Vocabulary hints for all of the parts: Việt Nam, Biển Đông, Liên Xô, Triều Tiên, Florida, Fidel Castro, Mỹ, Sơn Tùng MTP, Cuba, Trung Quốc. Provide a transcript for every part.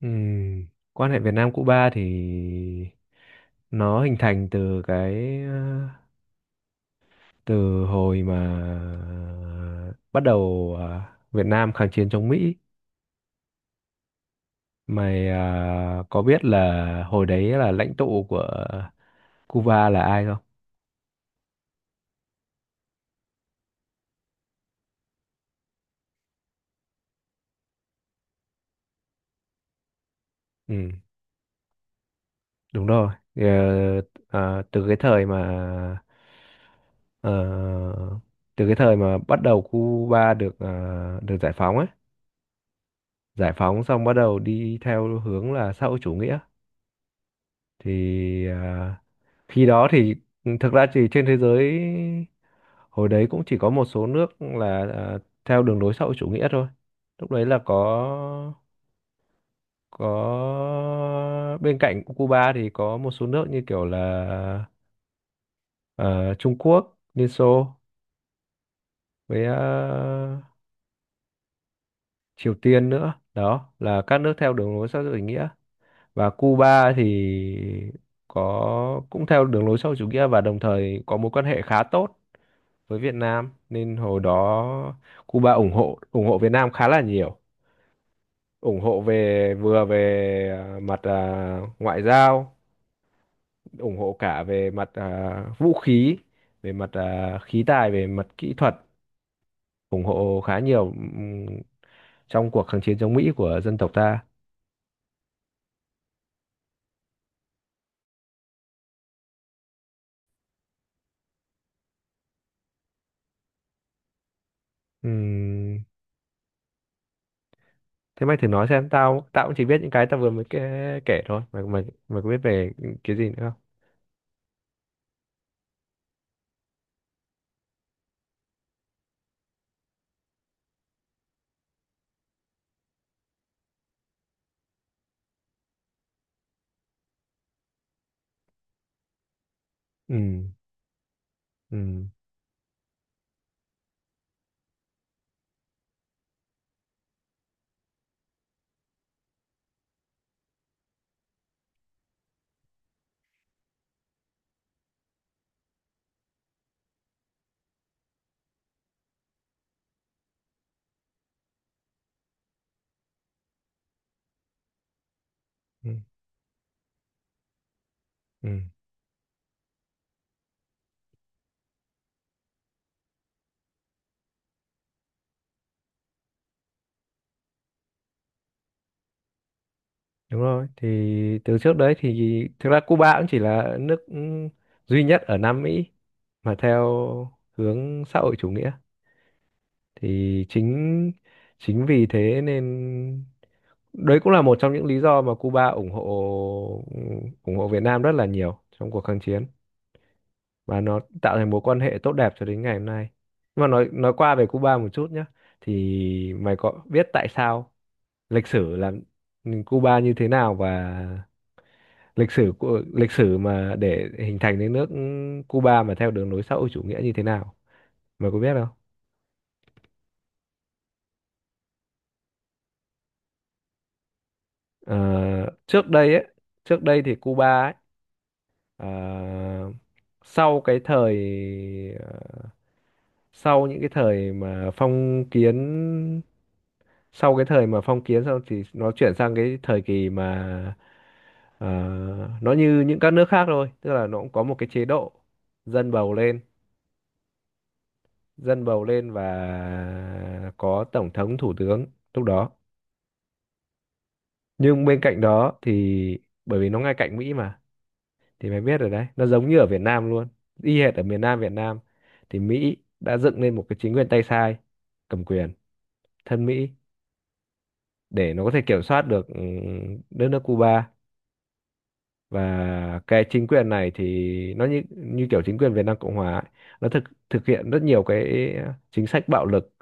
Ừm, Quan hệ Việt Nam Cuba thì nó hình thành từ từ hồi mà bắt đầu Việt Nam kháng chiến chống Mỹ. Mày có biết là hồi đấy là lãnh tụ của Cuba là ai không? Ừ, đúng rồi. Ờ, từ cái thời mà ờ, bắt đầu Cuba được được giải phóng ấy, giải phóng xong bắt đầu đi theo hướng là xã hội chủ nghĩa thì à, khi đó thì ừ, thực ra thì trên thế giới hồi đấy cũng chỉ có một số nước là theo đường lối xã hội chủ nghĩa thôi, lúc đấy là có bên cạnh Cuba thì có một số nước như kiểu là ờ, Trung Quốc, Liên Xô với Triều Tiên nữa, đó là các nước theo đường lối xã hội chủ nghĩa, và Cuba thì có cũng theo đường lối xã hội chủ nghĩa và đồng thời có mối quan hệ khá tốt với Việt Nam, nên hồi đó Cuba ủng hộ Việt Nam khá là nhiều, ủng hộ về, vừa về mặt ngoại giao, ủng hộ cả về mặt vũ khí, về mặt khí tài, về mặt kỹ thuật, ủng hộ khá nhiều ừm, trong cuộc kháng chiến chống Mỹ của dân tộc ta. Ừm, Thế mày thử nói xem, tao tao cũng chỉ biết những cái tao vừa mới kể thôi, mày mày mày có biết về cái gì nữa không? Ừ, ừ, ừ, ừ, đúng rồi, thì từ trước đấy thì thực ra Cuba cũng chỉ là nước ừ, duy nhất ở Nam Mỹ mà theo hướng xã hội chủ nghĩa, thì chính chính vì thế nên đấy cũng là một trong những lý do mà Cuba ủng hộ Việt Nam rất là nhiều trong cuộc kháng chiến, và nó tạo thành mối quan hệ tốt đẹp cho đến ngày hôm nay. Nhưng mà nói qua về Cuba một chút nhé, thì mày có biết tại sao lịch sử làm Cuba như thế nào, và lịch sử mà để hình thành đến nước Cuba mà theo đường lối xã hội chủ nghĩa như thế nào? Mày có biết không? Ờ, trước đây ấy, trước đây thì Cuba ấy, ờ, sau cái thời sau những cái thời mà phong kiến, sau cái thời mà phong kiến xong thì nó chuyển sang cái thời kỳ mà ờ, nó như những các nước khác thôi, tức là nó cũng có một cái chế độ dân bầu lên dân bầu lên và có tổng thống, thủ tướng lúc đó, nhưng bên cạnh đó thì bởi vì nó ngay cạnh Mỹ mà, thì mày biết rồi đấy, nó giống như ở Việt Nam luôn, y hệt ở miền Nam Việt Nam thì Mỹ đã dựng lên một cái chính quyền tay sai cầm quyền thân Mỹ để nó có thể kiểm soát được ừ, đất nước Cuba, và cái chính quyền này thì nó như như kiểu chính quyền Việt Nam Cộng Hòa ấy, nó thực thực hiện rất nhiều cái chính sách bạo lực,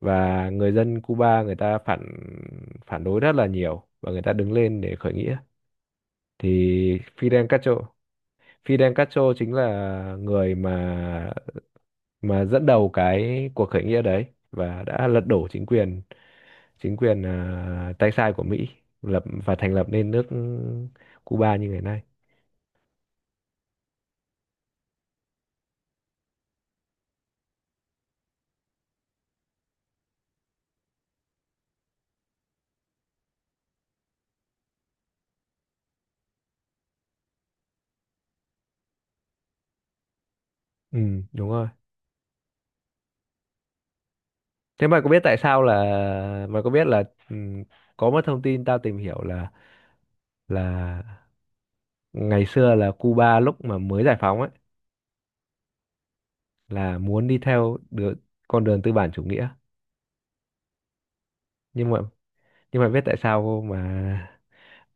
và người dân Cuba người ta phản phản đối rất là nhiều và người ta đứng lên để khởi nghĩa, thì Fidel Castro, Fidel Castro chính là người mà dẫn đầu cái cuộc khởi nghĩa đấy và đã lật đổ chính quyền tay sai của Mỹ, lập và thành lập nên nước Cuba như ngày nay. Ừ, đúng rồi. Thế mày có biết tại sao là, mày có biết là ừ, có một thông tin tao tìm hiểu là là ngày xưa là Cuba lúc mà mới giải phóng ấy là muốn đi theo được con đường tư bản chủ nghĩa, nhưng mà nhưng mà biết tại sao mà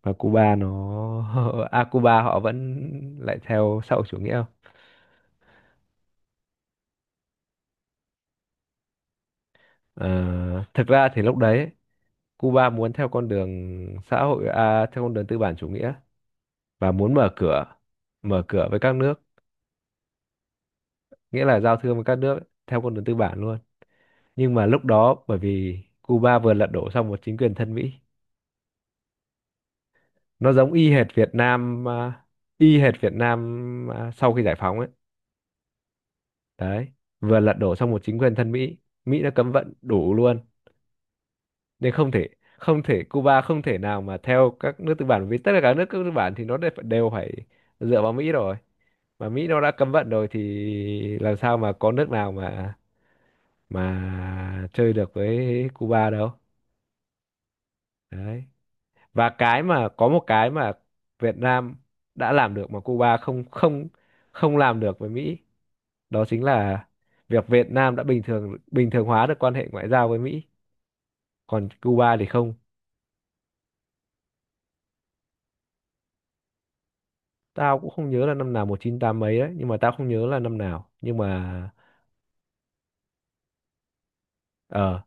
Cuba nó Cuba họ vẫn lại theo xã hội chủ nghĩa không? Ờ, thực ra thì lúc đấy ấy, Cuba muốn theo con đường theo con đường tư bản chủ nghĩa và muốn mở cửa với các nước, nghĩa là giao thương với các nước theo con đường tư bản luôn, nhưng mà lúc đó bởi vì Cuba vừa lật đổ xong một chính quyền thân Mỹ, nó giống y hệt Việt Nam y hệt Việt Nam sau khi giải phóng ấy, đấy, vừa lật đổ xong một chính quyền thân Mỹ, Mỹ đã cấm vận đủ luôn, nên không thể Cuba không thể nào mà theo các nước tư bản, vì tất cả các nước tư bản thì nó đều phải dựa vào Mỹ rồi, mà Mỹ nó đã cấm vận rồi thì làm sao mà có nước nào mà chơi được với Cuba đâu. Đấy, và cái mà có một cái mà Việt Nam đã làm được mà Cuba không không không làm được với Mỹ, đó chính là việc Việt Nam đã bình thường hóa được quan hệ ngoại giao với Mỹ, còn Cuba thì không. Tao cũng không nhớ là năm nào, 198 mấy đấy, nhưng mà tao không nhớ là năm nào, nhưng mà ờ,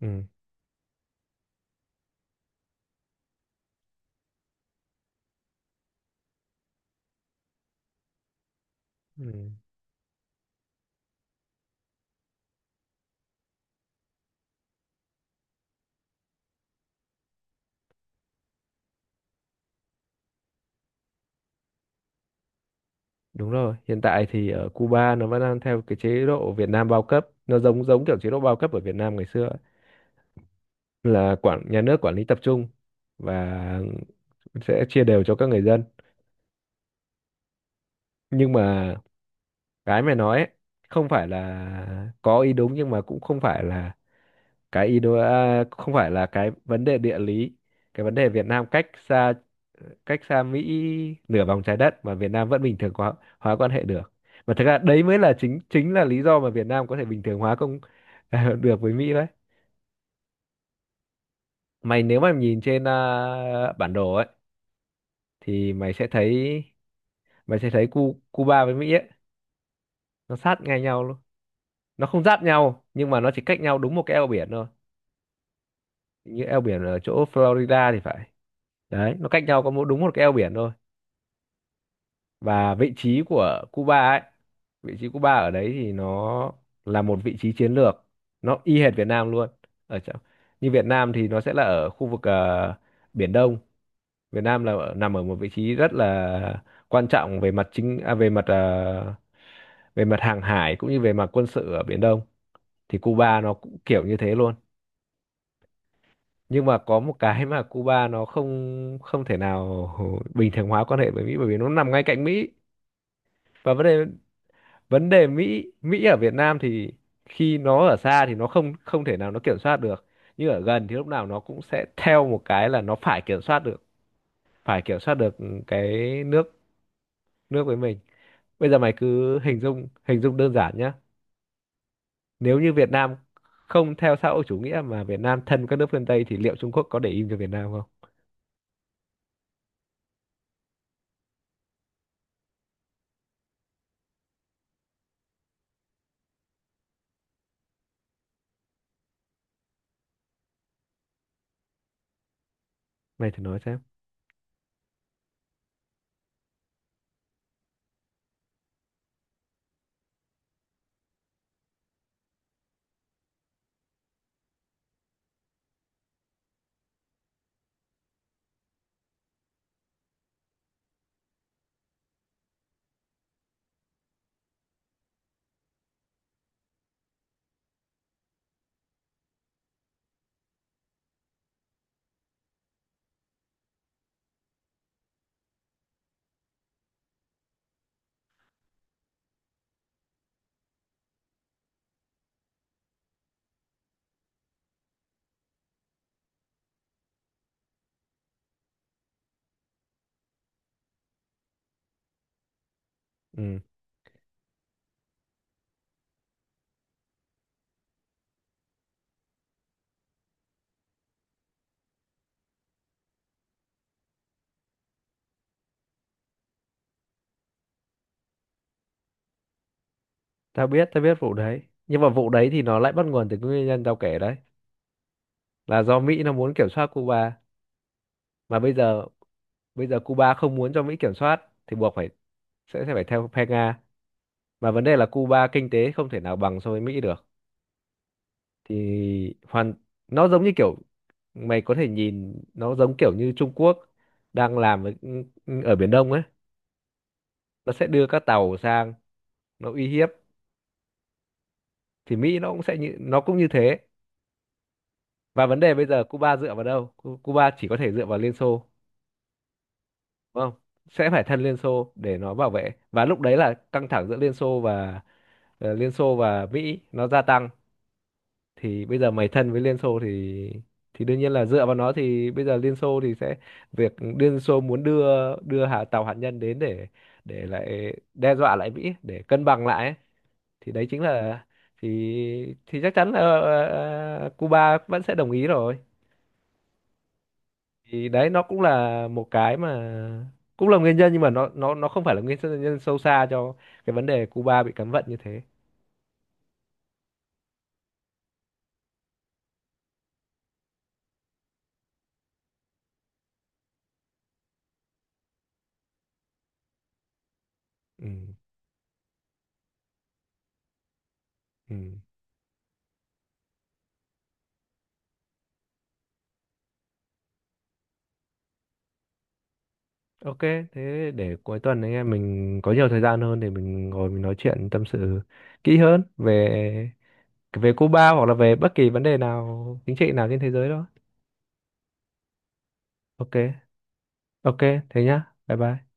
ừ, ừ. Đúng rồi, hiện tại thì ở Cuba nó vẫn đang theo cái chế độ Việt Nam bao cấp, nó giống giống kiểu chế độ bao cấp ở Việt Nam ngày xưa ấy. Là quản, nhà nước quản lý tập trung và sẽ chia đều cho các người dân. Nhưng mà cái mày nói ấy, không phải là có ý đúng, nhưng mà cũng không phải là cái ý đồ không phải là cái vấn đề địa lý, cái vấn đề Việt Nam cách xa Mỹ nửa vòng trái đất mà Việt Nam vẫn bình thường hóa quan hệ được, mà thực ra đấy mới là chính chính là lý do mà Việt Nam có thể bình thường hóa công được với Mỹ đấy. Mày nếu mà nhìn trên bản đồ ấy thì mày sẽ thấy Cuba với Mỹ ấy, nó sát ngay nhau luôn, nó không giáp nhau nhưng mà nó chỉ cách nhau đúng một cái eo biển thôi, như eo biển ở chỗ Florida thì phải, đấy, nó cách nhau có mỗi đúng một cái eo biển thôi, và vị trí Cuba ở đấy thì nó là một vị trí chiến lược, nó y hệt Việt Nam luôn, ở chỗ như Việt Nam thì nó sẽ là ở khu vực Biển Đông, Việt Nam là nằm ở một vị trí rất là quan trọng về mặt về mặt về mặt hàng hải cũng như về mặt quân sự ở Biển Đông, thì Cuba nó cũng kiểu như thế luôn, nhưng mà có một cái mà Cuba nó không không thể nào bình thường hóa quan hệ với Mỹ, bởi vì nó nằm ngay cạnh Mỹ, và vấn đề Mỹ Mỹ ở Việt Nam thì khi nó ở xa thì nó không không thể nào nó kiểm soát được, nhưng ở gần thì lúc nào nó cũng sẽ theo một cái là nó phải kiểm soát được, phải kiểm soát được cái nước nước với mình. Bây giờ mày cứ hình dung đơn giản nhá, nếu như Việt Nam không theo xã hội chủ nghĩa mà Việt Nam thân các nước phương Tây thì liệu Trung Quốc có để im cho Việt Nam không? Mày thử nói xem. Ừ, tao biết vụ đấy, nhưng mà vụ đấy thì nó lại bắt nguồn từ cái nguyên nhân tao kể đấy, là do Mỹ nó muốn kiểm soát Cuba, mà bây giờ Cuba không muốn cho Mỹ kiểm soát thì buộc phải sẽ phải theo phe Nga, mà vấn đề là Cuba kinh tế không thể nào bằng so với Mỹ được, thì hoàn, nó giống như kiểu, mày có thể nhìn nó giống kiểu như Trung Quốc đang làm với, ở Biển Đông ấy, nó sẽ đưa các tàu sang, nó uy hiếp, thì Mỹ nó cũng sẽ như, nó cũng như thế, và vấn đề bây giờ Cuba dựa vào đâu, Cuba chỉ có thể dựa vào Liên Xô, đúng không, sẽ phải thân Liên Xô để nó bảo vệ, và lúc đấy là căng thẳng giữa Liên Xô và Liên Xô và Mỹ nó gia tăng, thì bây giờ mày thân với Liên Xô thì đương nhiên là dựa vào nó, thì bây giờ Liên Xô thì sẽ, việc Liên Xô muốn đưa đưa tàu hạt nhân đến để lại đe dọa lại Mỹ để cân bằng lại ấy. Thì đấy chính là, thì chắc chắn là Cuba vẫn sẽ đồng ý rồi. Thì đấy nó cũng là một cái mà cũng là nguyên nhân, nhưng mà nó không phải là nguyên nhân sâu xa cho cái vấn đề Cuba bị cấm vận như thế. Ừ. Ừ. Ok, thế để cuối tuần anh em mình có nhiều thời gian hơn thì mình ngồi mình nói chuyện tâm sự kỹ hơn về về Cuba hoặc là về bất kỳ vấn đề nào chính trị nào trên thế giới đó. Ok, ok, thế nhá. Bye bye.